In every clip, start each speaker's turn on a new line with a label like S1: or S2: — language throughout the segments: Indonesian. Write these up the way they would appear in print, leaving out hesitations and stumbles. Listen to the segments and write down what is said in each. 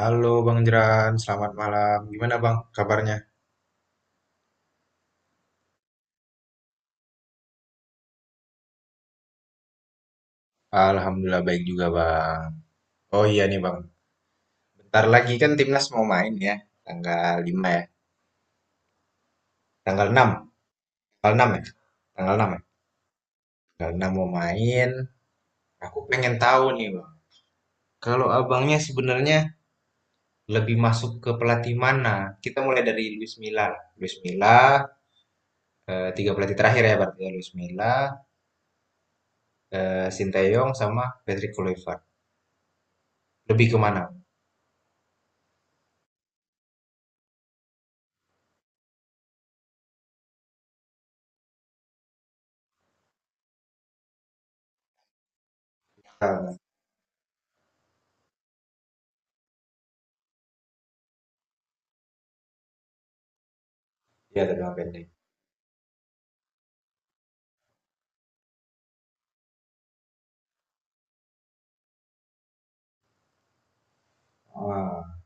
S1: Halo Bang Jeran, selamat malam. Gimana Bang kabarnya? Alhamdulillah baik juga Bang. Oh iya nih Bang, bentar lagi kan timnas mau main ya. Tanggal 5, ya. Tanggal 6. Tanggal 6 ya. Tanggal 6 ya. Tanggal 6 mau main. Aku pengen tahu nih Bang. Kalau abangnya sebenarnya lebih masuk ke pelatih mana? Kita mulai dari Luis Milla. Luis Milla, tiga pelatih terakhir ya berarti ya. Luis Milla, Sinteyong sama Patrick Kluivert. Lebih ke mana? Ah. Iya, dari Bang pendek. Ah.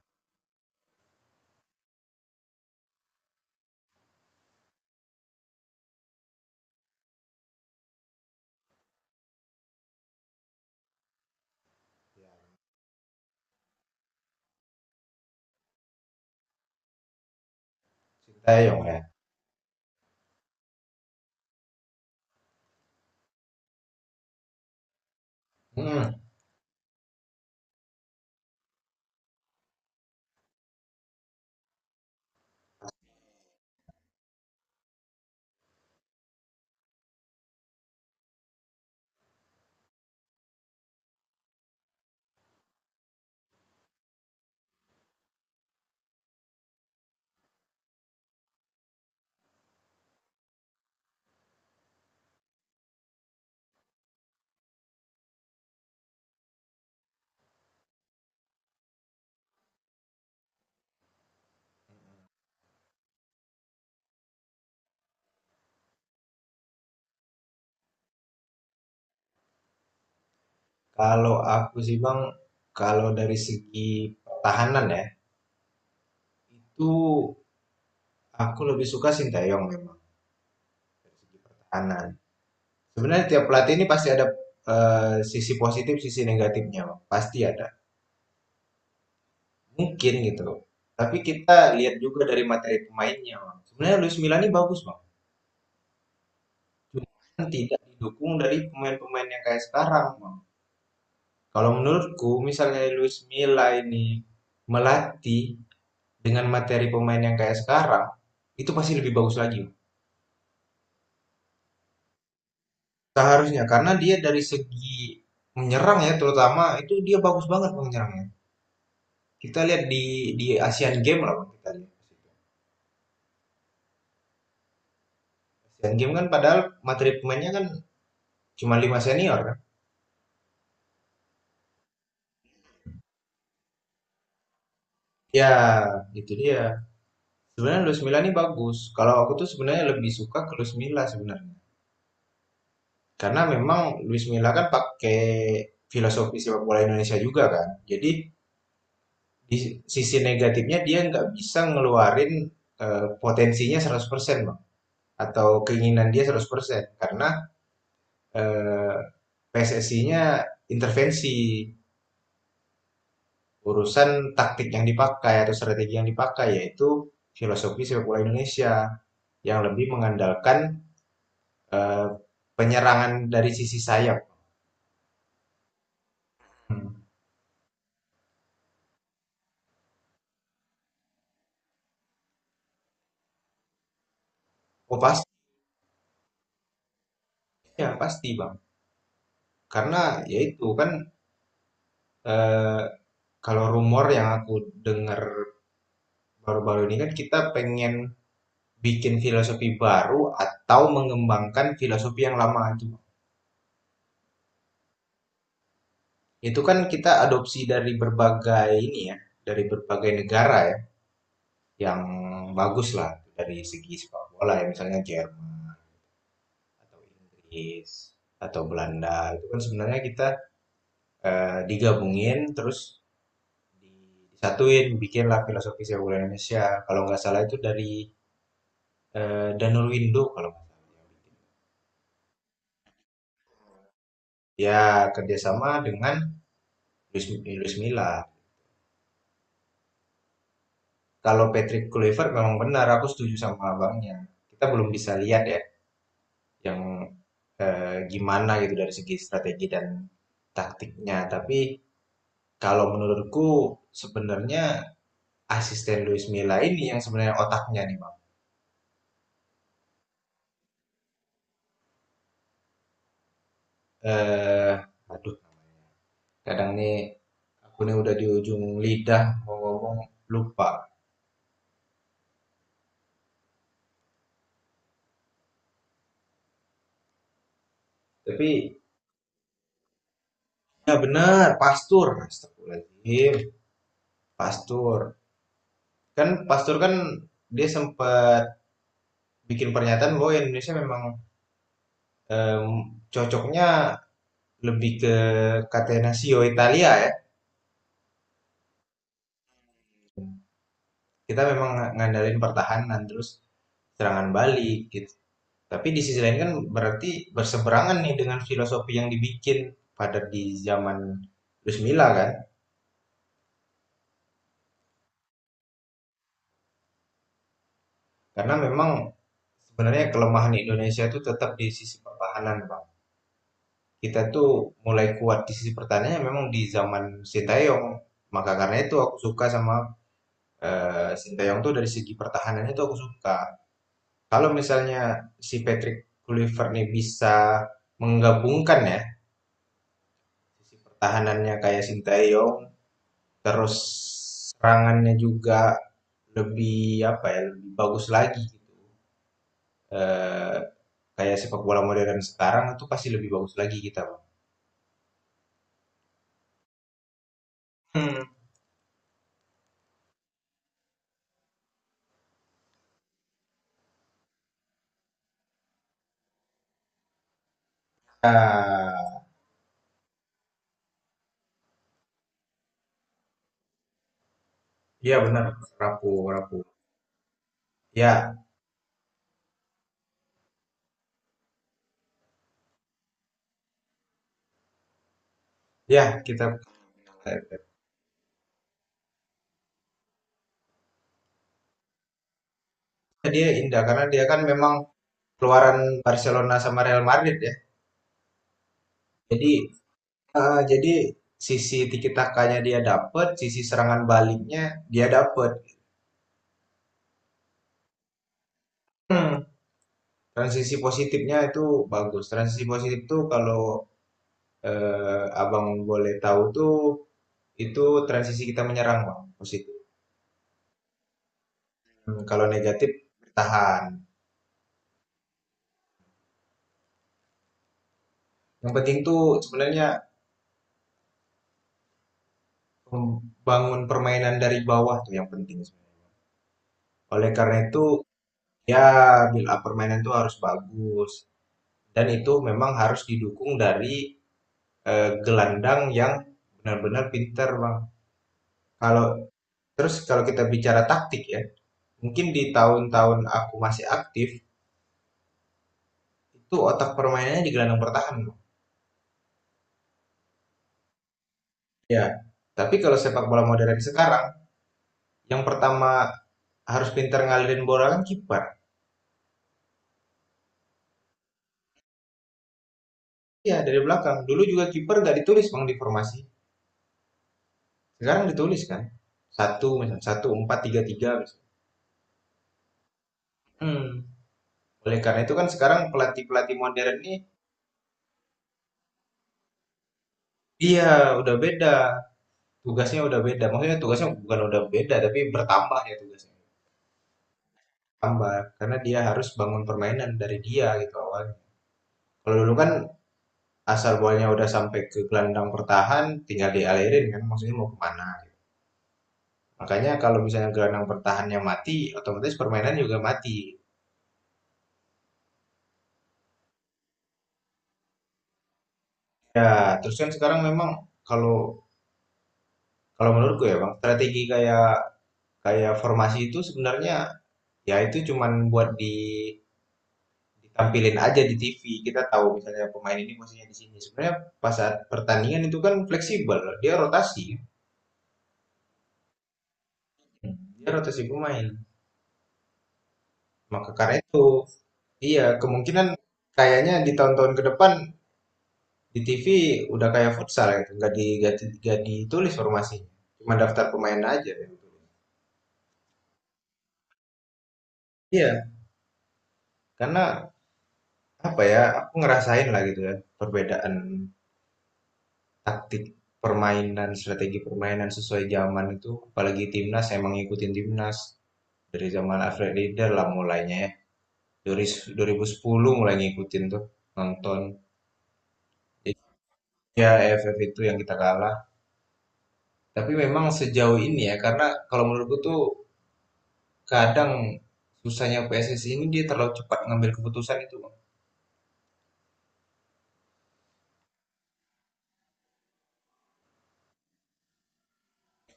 S1: Sintayong ya? Mhm. Kalau aku sih Bang, kalau dari segi pertahanan ya, itu aku lebih suka Sintayong memang dari segi pertahanan. Sebenarnya tiap pelatih ini pasti ada sisi positif, sisi negatifnya, Bang. Pasti ada. Mungkin gitu. Tapi kita lihat juga dari materi pemainnya, Bang. Sebenarnya Luis Milla ini bagus, Bang. Cuman tidak didukung dari pemain-pemain yang kayak sekarang, Bang. Kalau menurutku, misalnya Luis Milla ini melatih dengan materi pemain yang kayak sekarang itu pasti lebih bagus lagi seharusnya karena dia dari segi menyerang ya, terutama itu dia bagus banget menyerangnya. Kita lihat di Asian Games lah, kita lihat Asian Games kan padahal materi pemainnya kan cuma 5 senior kan. Ya gitu, dia sebenarnya Luis Milla ini bagus. Kalau aku tuh sebenarnya lebih suka ke Luis Milla sebenarnya karena memang Luis Milla kan pakai filosofi sepak bola Indonesia juga kan. Jadi di sisi negatifnya dia nggak bisa ngeluarin potensinya 100% Bang, atau keinginan dia 100% karena eh, PSSI-nya intervensi urusan taktik yang dipakai atau strategi yang dipakai, yaitu filosofi sepak bola Indonesia yang lebih mengandalkan eh, penyerangan dari sisi sayap. Hmm. Oh pasti, ya pasti Bang, karena yaitu kan eh, kalau rumor yang aku dengar baru-baru ini kan kita pengen bikin filosofi baru atau mengembangkan filosofi yang lama itu. Itu kan kita adopsi dari berbagai ini ya, dari berbagai negara ya, yang bagus lah dari segi sepak bola ya, misalnya Jerman atau Inggris atau Belanda. Itu kan sebenarnya kita digabungin terus disatuin, bikinlah filosofi sepak bola Indonesia. Kalau nggak salah itu dari Danul Window kalau nggak salah. Ya, kerjasama dengan Luis, Luis Milla. Kalau Patrick Kluivert memang benar, aku setuju sama abangnya. Kita belum bisa lihat ya yang gimana gitu dari segi strategi dan taktiknya. Tapi kalau menurutku sebenarnya asisten Luis Milla ini yang sebenarnya otaknya nih bang. Eh, aduh, kadang nih aku nih udah di ujung lidah mau ngomong lupa. Tapi ya benar, Pastur, Astagfirullahaladzim, Pastur. Kan Pastur kan dia sempat bikin pernyataan bahwa Indonesia memang Em, cocoknya lebih ke Catenaccio Italia ya. Kita memang ngandalin pertahanan terus serangan balik gitu. Tapi di sisi lain kan berarti berseberangan nih dengan filosofi yang dibikin pada di zaman Luis Milla kan. Karena memang sebenarnya kelemahan Indonesia itu tetap di sisi pertahanan, Bang. Kita tuh mulai kuat di sisi pertahanannya memang di zaman Sintayong. Maka karena itu aku suka sama Sintayong tuh dari segi pertahanannya tuh aku suka. Kalau misalnya si Patrick Kluivert nih bisa menggabungkan ya, sisi pertahanannya kayak Sintayong, terus serangannya juga lebih apa ya, lebih bagus lagi gitu. Eh, kayak sepak bola modern sekarang itu pasti lebih bagus lagi kita, Bang. Hmm. Ah. Iya benar, rapuh, rapuh. Ya. Ya, kita. Dia indah karena dia kan memang keluaran Barcelona sama Real Madrid ya. Jadi heeh, jadi sisi tiki takanya dia dapet, sisi serangan baliknya dia dapet. Hmm, transisi positifnya itu bagus. Transisi positif tuh kalau abang boleh tahu tuh itu transisi kita menyerang bang positif. Hmm, kalau negatif bertahan. Yang penting tuh sebenarnya membangun permainan dari bawah tuh yang penting sebenarnya. Oleh karena itu ya, build up permainan tuh harus bagus, dan itu memang harus didukung dari gelandang yang benar-benar pinter, Bang. Kalau, terus kalau kita bicara taktik ya, mungkin di tahun-tahun aku masih aktif, itu otak permainannya di gelandang bertahan, Bang. Iya, tapi kalau sepak bola modern sekarang, yang pertama harus pintar ngalirin bola kan kiper. Iya, dari belakang. Dulu juga kiper nggak ditulis, Bang, di formasi. Sekarang ditulis kan. Satu misal, 1-4-3-3 misal. Mhm. Oleh karena itu kan sekarang pelatih-pelatih modern ini, iya, udah beda. Tugasnya udah beda. Maksudnya tugasnya bukan udah beda, tapi bertambah ya tugasnya. Tambah, karena dia harus bangun permainan dari dia gitu awalnya. Kalau dulu kan asal bolanya udah sampai ke gelandang pertahan, tinggal dialirin kan, maksudnya mau kemana gitu. Makanya kalau misalnya gelandang pertahannya mati, otomatis permainan juga mati. Ya, terus kan sekarang memang kalau kalau menurutku ya Bang, strategi kayak kayak formasi itu sebenarnya ya itu cuman buat di ditampilin aja di TV, kita tahu misalnya pemain ini posisinya di sini. Sebenarnya pas saat pertandingan itu kan fleksibel, dia rotasi pemain. Maka karena itu, iya kemungkinan kayaknya di tahun-tahun ke depan di TV udah kayak futsal gitu, nggak ditulis formasinya, cuma daftar pemain aja gitu. Iya, karena apa ya, aku ngerasain lah gitu ya perbedaan taktik permainan, strategi permainan sesuai zaman itu, apalagi timnas, emang ngikutin timnas. Dari zaman Alfred Lieder lah mulainya ya. Dari 2010 mulai ngikutin tuh nonton. Ya, EFF itu yang kita kalah. Tapi memang sejauh ini ya karena kalau menurutku tuh kadang susahnya PSSI ini dia terlalu cepat ngambil keputusan itu, Bang.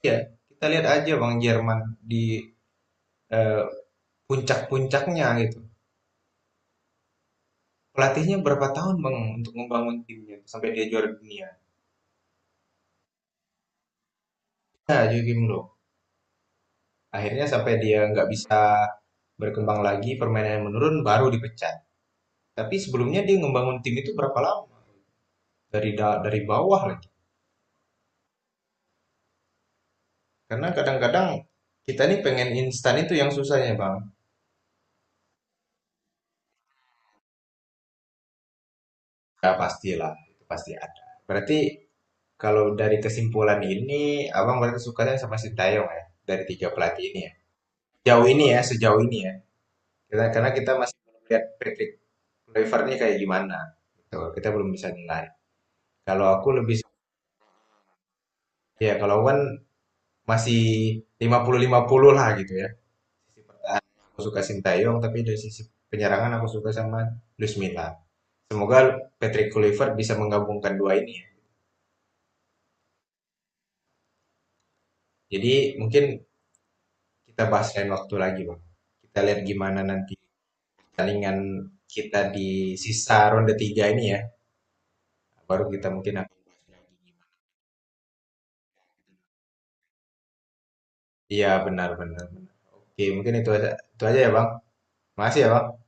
S1: Iya, kita lihat aja Bang Jerman di eh, puncak-puncaknya gitu. Pelatihnya berapa tahun Bang untuk membangun timnya sampai dia juara dunia. Nah, Joachim Low. Akhirnya sampai dia nggak bisa berkembang lagi, permainannya menurun, baru dipecat. Tapi sebelumnya dia ngebangun tim itu berapa lama? Dari bawah lagi. Karena kadang-kadang kita nih pengen instan itu yang susahnya, Bang. Ya pastilah, itu pasti ada. Berarti kalau dari kesimpulan ini, Abang berarti sukanya sama Sintayong ya, dari tiga pelatih ini ya. Jauh ini ya, sejauh ini ya. Kita, karena kita masih belum lihat Patrick Kluivert-nya kayak gimana. Gitu. Kita belum bisa nilai. Kalau aku lebih, ya kalau wan masih 50-50 lah gitu ya. Sisi pertahanan aku suka Sintayong, tapi dari sisi penyerangan aku suka sama Luis Milla. Semoga Patrick Kluivert bisa menggabungkan dua ini ya. Jadi mungkin kita bahas lain waktu lagi Bang. Kita lihat gimana nanti pertandingan kita di sisa ronde tiga ini ya. Baru kita mungkin akan- Iya benar benar benar. Oke mungkin itu aja ya Bang. Makasih ya Bang.